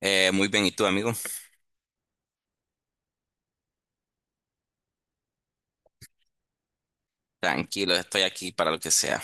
Muy bien, ¿y tú, amigo? Tranquilo, estoy aquí para lo que sea.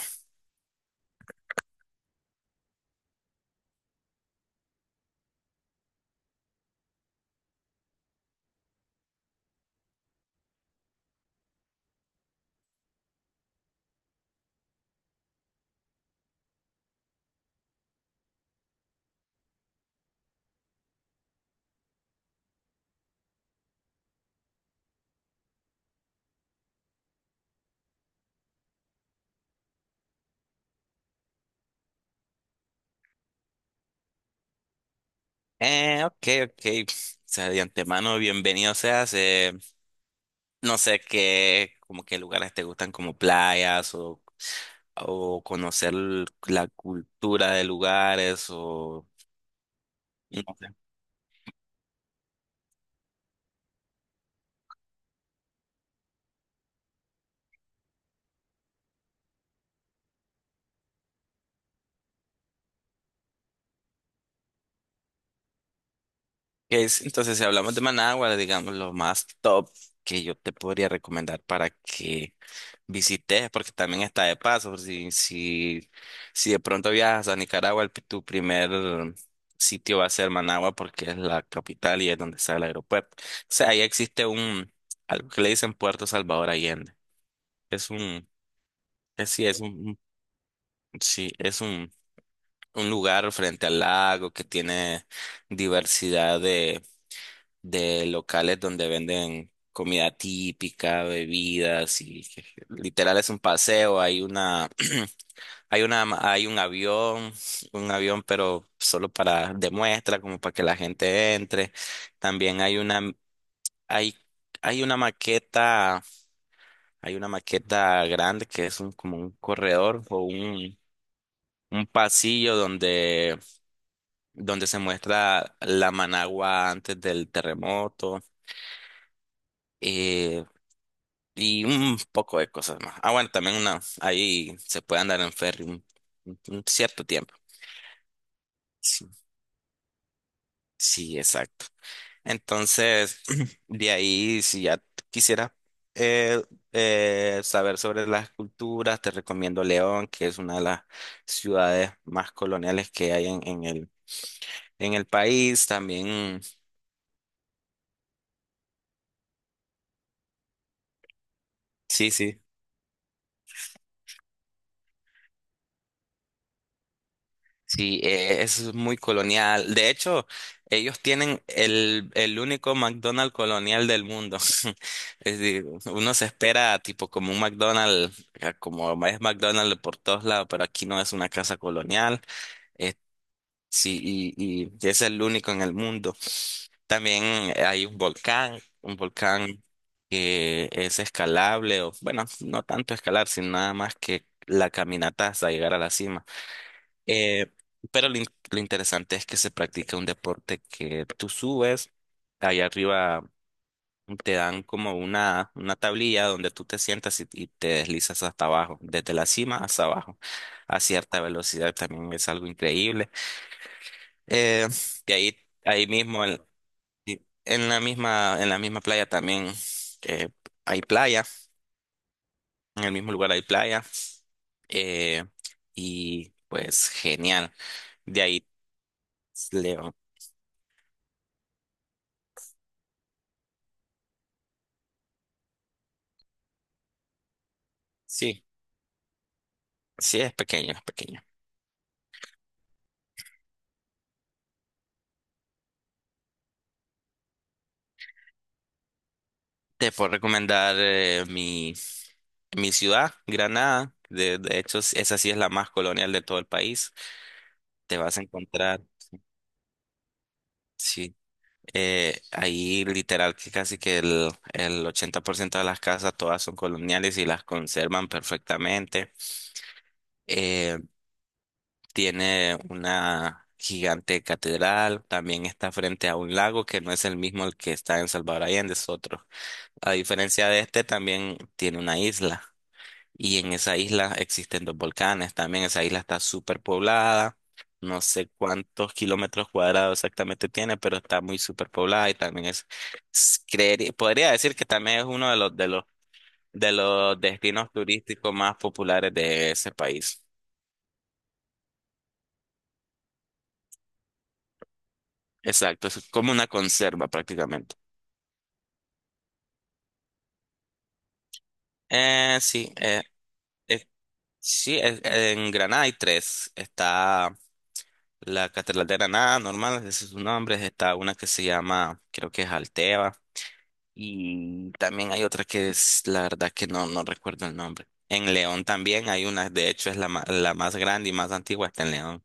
Ok, ok. O sea, de antemano, bienvenido seas. No sé qué, como qué lugares te gustan, como playas o conocer la cultura de lugares o... No sé. ¿Qué es? Entonces, si hablamos de Managua, digamos, lo más top que yo te podría recomendar para que visites, porque también está de paso. Por Si, si, si de pronto viajas a Nicaragua, tu primer sitio va a ser Managua, porque es la capital y es donde está el aeropuerto. O sea, ahí existe algo que le dicen Puerto Salvador Allende. Es un, es, sí, es un lugar frente al lago que tiene diversidad de locales donde venden comida típica, bebidas y literal es un paseo. Hay una Hay una, hay un avión, pero solo para demuestra, como para que la gente entre. También hay, hay una maqueta, hay una maqueta grande que es como un corredor o un pasillo donde se muestra la Managua antes del terremoto. eh, y un poco de cosas más. Ah, bueno, ahí se puede andar en ferry un cierto tiempo. Sí, sí, exacto. Entonces, de ahí, si ya quisieras eh, saber sobre las culturas, te recomiendo León, que es una de las ciudades más coloniales que hay en el país. También, sí, sí, sí, es muy colonial. De hecho, ellos tienen el único McDonald's colonial del mundo. Es decir, uno se espera tipo como un McDonald's, como es McDonald's por todos lados, pero aquí no es una casa colonial. Sí, y es el único en el mundo. También hay un volcán que es escalable, o bueno, no tanto escalar, sino nada más que la caminata hasta llegar a la cima. Eh, pero lo interesante es que se practica un deporte que tú subes, allá arriba te dan como una tablilla donde tú te sientas y te deslizas hasta abajo, desde la cima hasta abajo, a cierta velocidad también es algo increíble. Eh, y ahí mismo, en la misma playa también eh, hay playa, en el mismo lugar hay playa. eh, y pues genial. De ahí leo. Sí, sí, es pequeño, es pequeño. Te puedo recomendar mi ciudad, Granada. De hecho, esa sí es la más colonial de todo el país. Te vas a encontrar, sí. Ahí literal que casi que el 80% de las casas todas son coloniales y las conservan perfectamente. Eh, Tiene una gigante catedral, también está frente a un lago que no es el mismo el que está en Salvador Allende, es otro. A diferencia de este, también tiene una isla. Y en esa isla existen dos volcanes. También esa isla está súper poblada. No sé cuántos kilómetros cuadrados exactamente tiene, pero está muy súper poblada y también podría decir que también es uno de los destinos turísticos más populares de ese país. Exacto, es como una conserva prácticamente. Sí, eh, sí, en Granada hay tres. Está la Catedral de Granada, normal, ese es su nombre. Está una que se llama, creo que es Alteva. Y también hay otra que es, la verdad que no recuerdo el nombre. En León también hay una, de hecho es la más grande y más antigua está en León.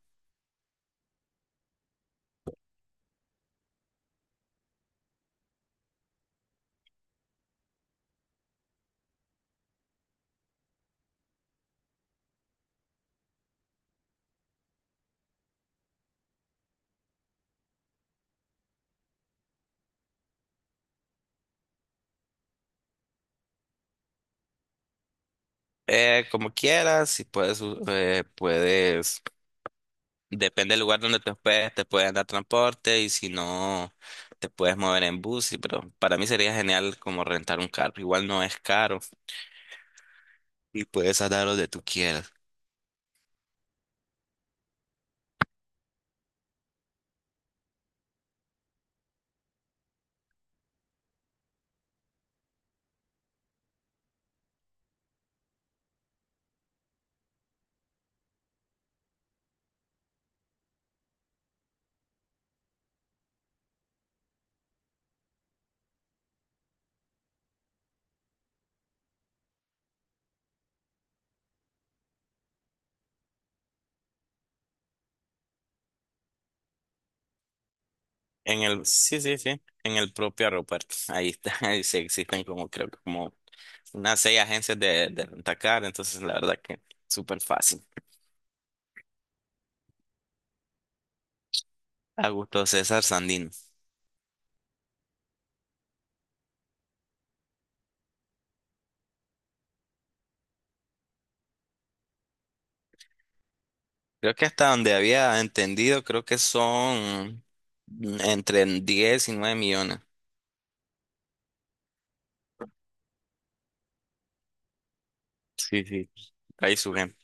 Como quieras, si puedes, depende del lugar donde te hospedes, te pueden dar transporte y si no, te puedes mover en bus, pero para mí sería genial como rentar un carro. Igual no es caro y puedes andar donde tú quieras. Sí, sí, sí, en el propio aeropuerto. Ahí está, ahí sí existen como, creo que como unas seis agencias de rentacar, entonces la verdad que súper fácil. A gusto César Sandino. Creo que hasta donde había entendido, creo que son entre 10 y 9 millones. Sí, sí. Ahí surge.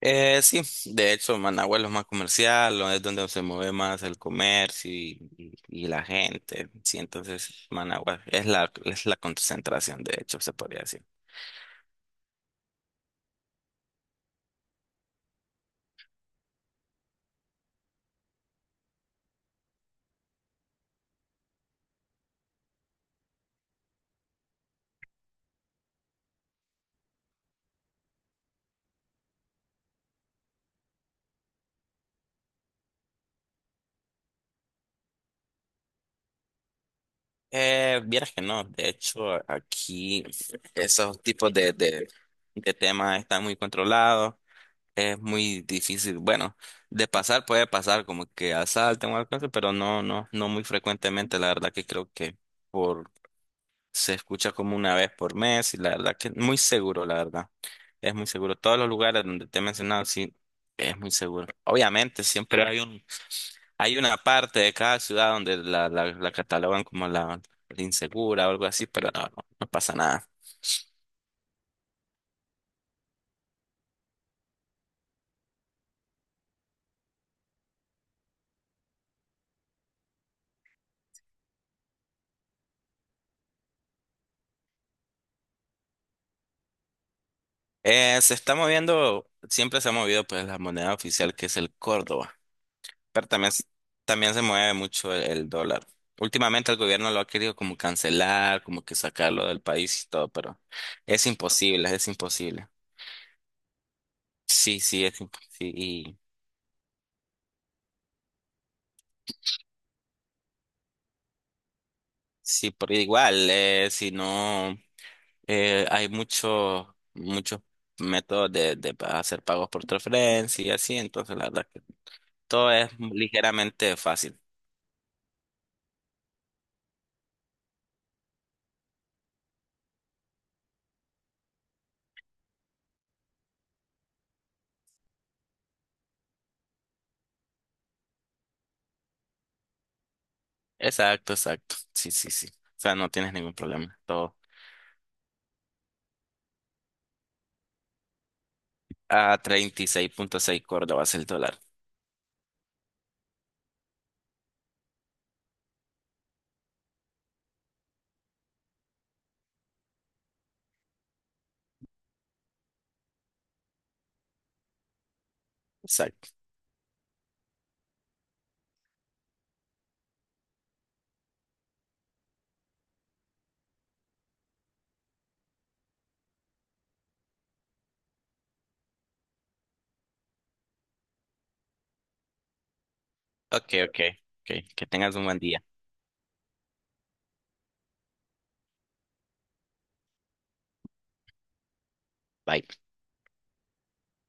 Sí, de hecho, Managua es lo más comercial, es donde se mueve más el comercio y la gente. Sí, entonces Managua es la concentración, de hecho, se podría decir. Vieras que no, de hecho aquí esos tipos de temas están muy controlados, es muy difícil, bueno, de pasar puede pasar como que asalten o algo así, pero no, no, no muy frecuentemente, la verdad que creo que por, se escucha como una vez por mes y la verdad que muy seguro, la verdad, es muy seguro, todos los lugares donde te he mencionado, sí, es muy seguro, obviamente siempre hay una parte de cada ciudad donde la catalogan como la insegura o algo así, pero no, no, no pasa nada. Se está moviendo, siempre se ha movido pues la moneda oficial que es el Córdoba, pero también, también se mueve mucho el dólar. Últimamente el gobierno lo ha querido como cancelar, como que sacarlo del país y todo, pero es imposible, es imposible. Sí, sí, es imposible. Sí, sí, por igual, si no. Hay muchos muchos métodos de hacer pagos por transferencia y así, entonces la verdad que todo es ligeramente fácil. Exacto, exacto. Sí, sí, sí. O sea, no tienes ningún problema. Todo a 36.6 córdobas el dólar. Exacto. Ok, ok, ok. Que tengas un buen día. Bye.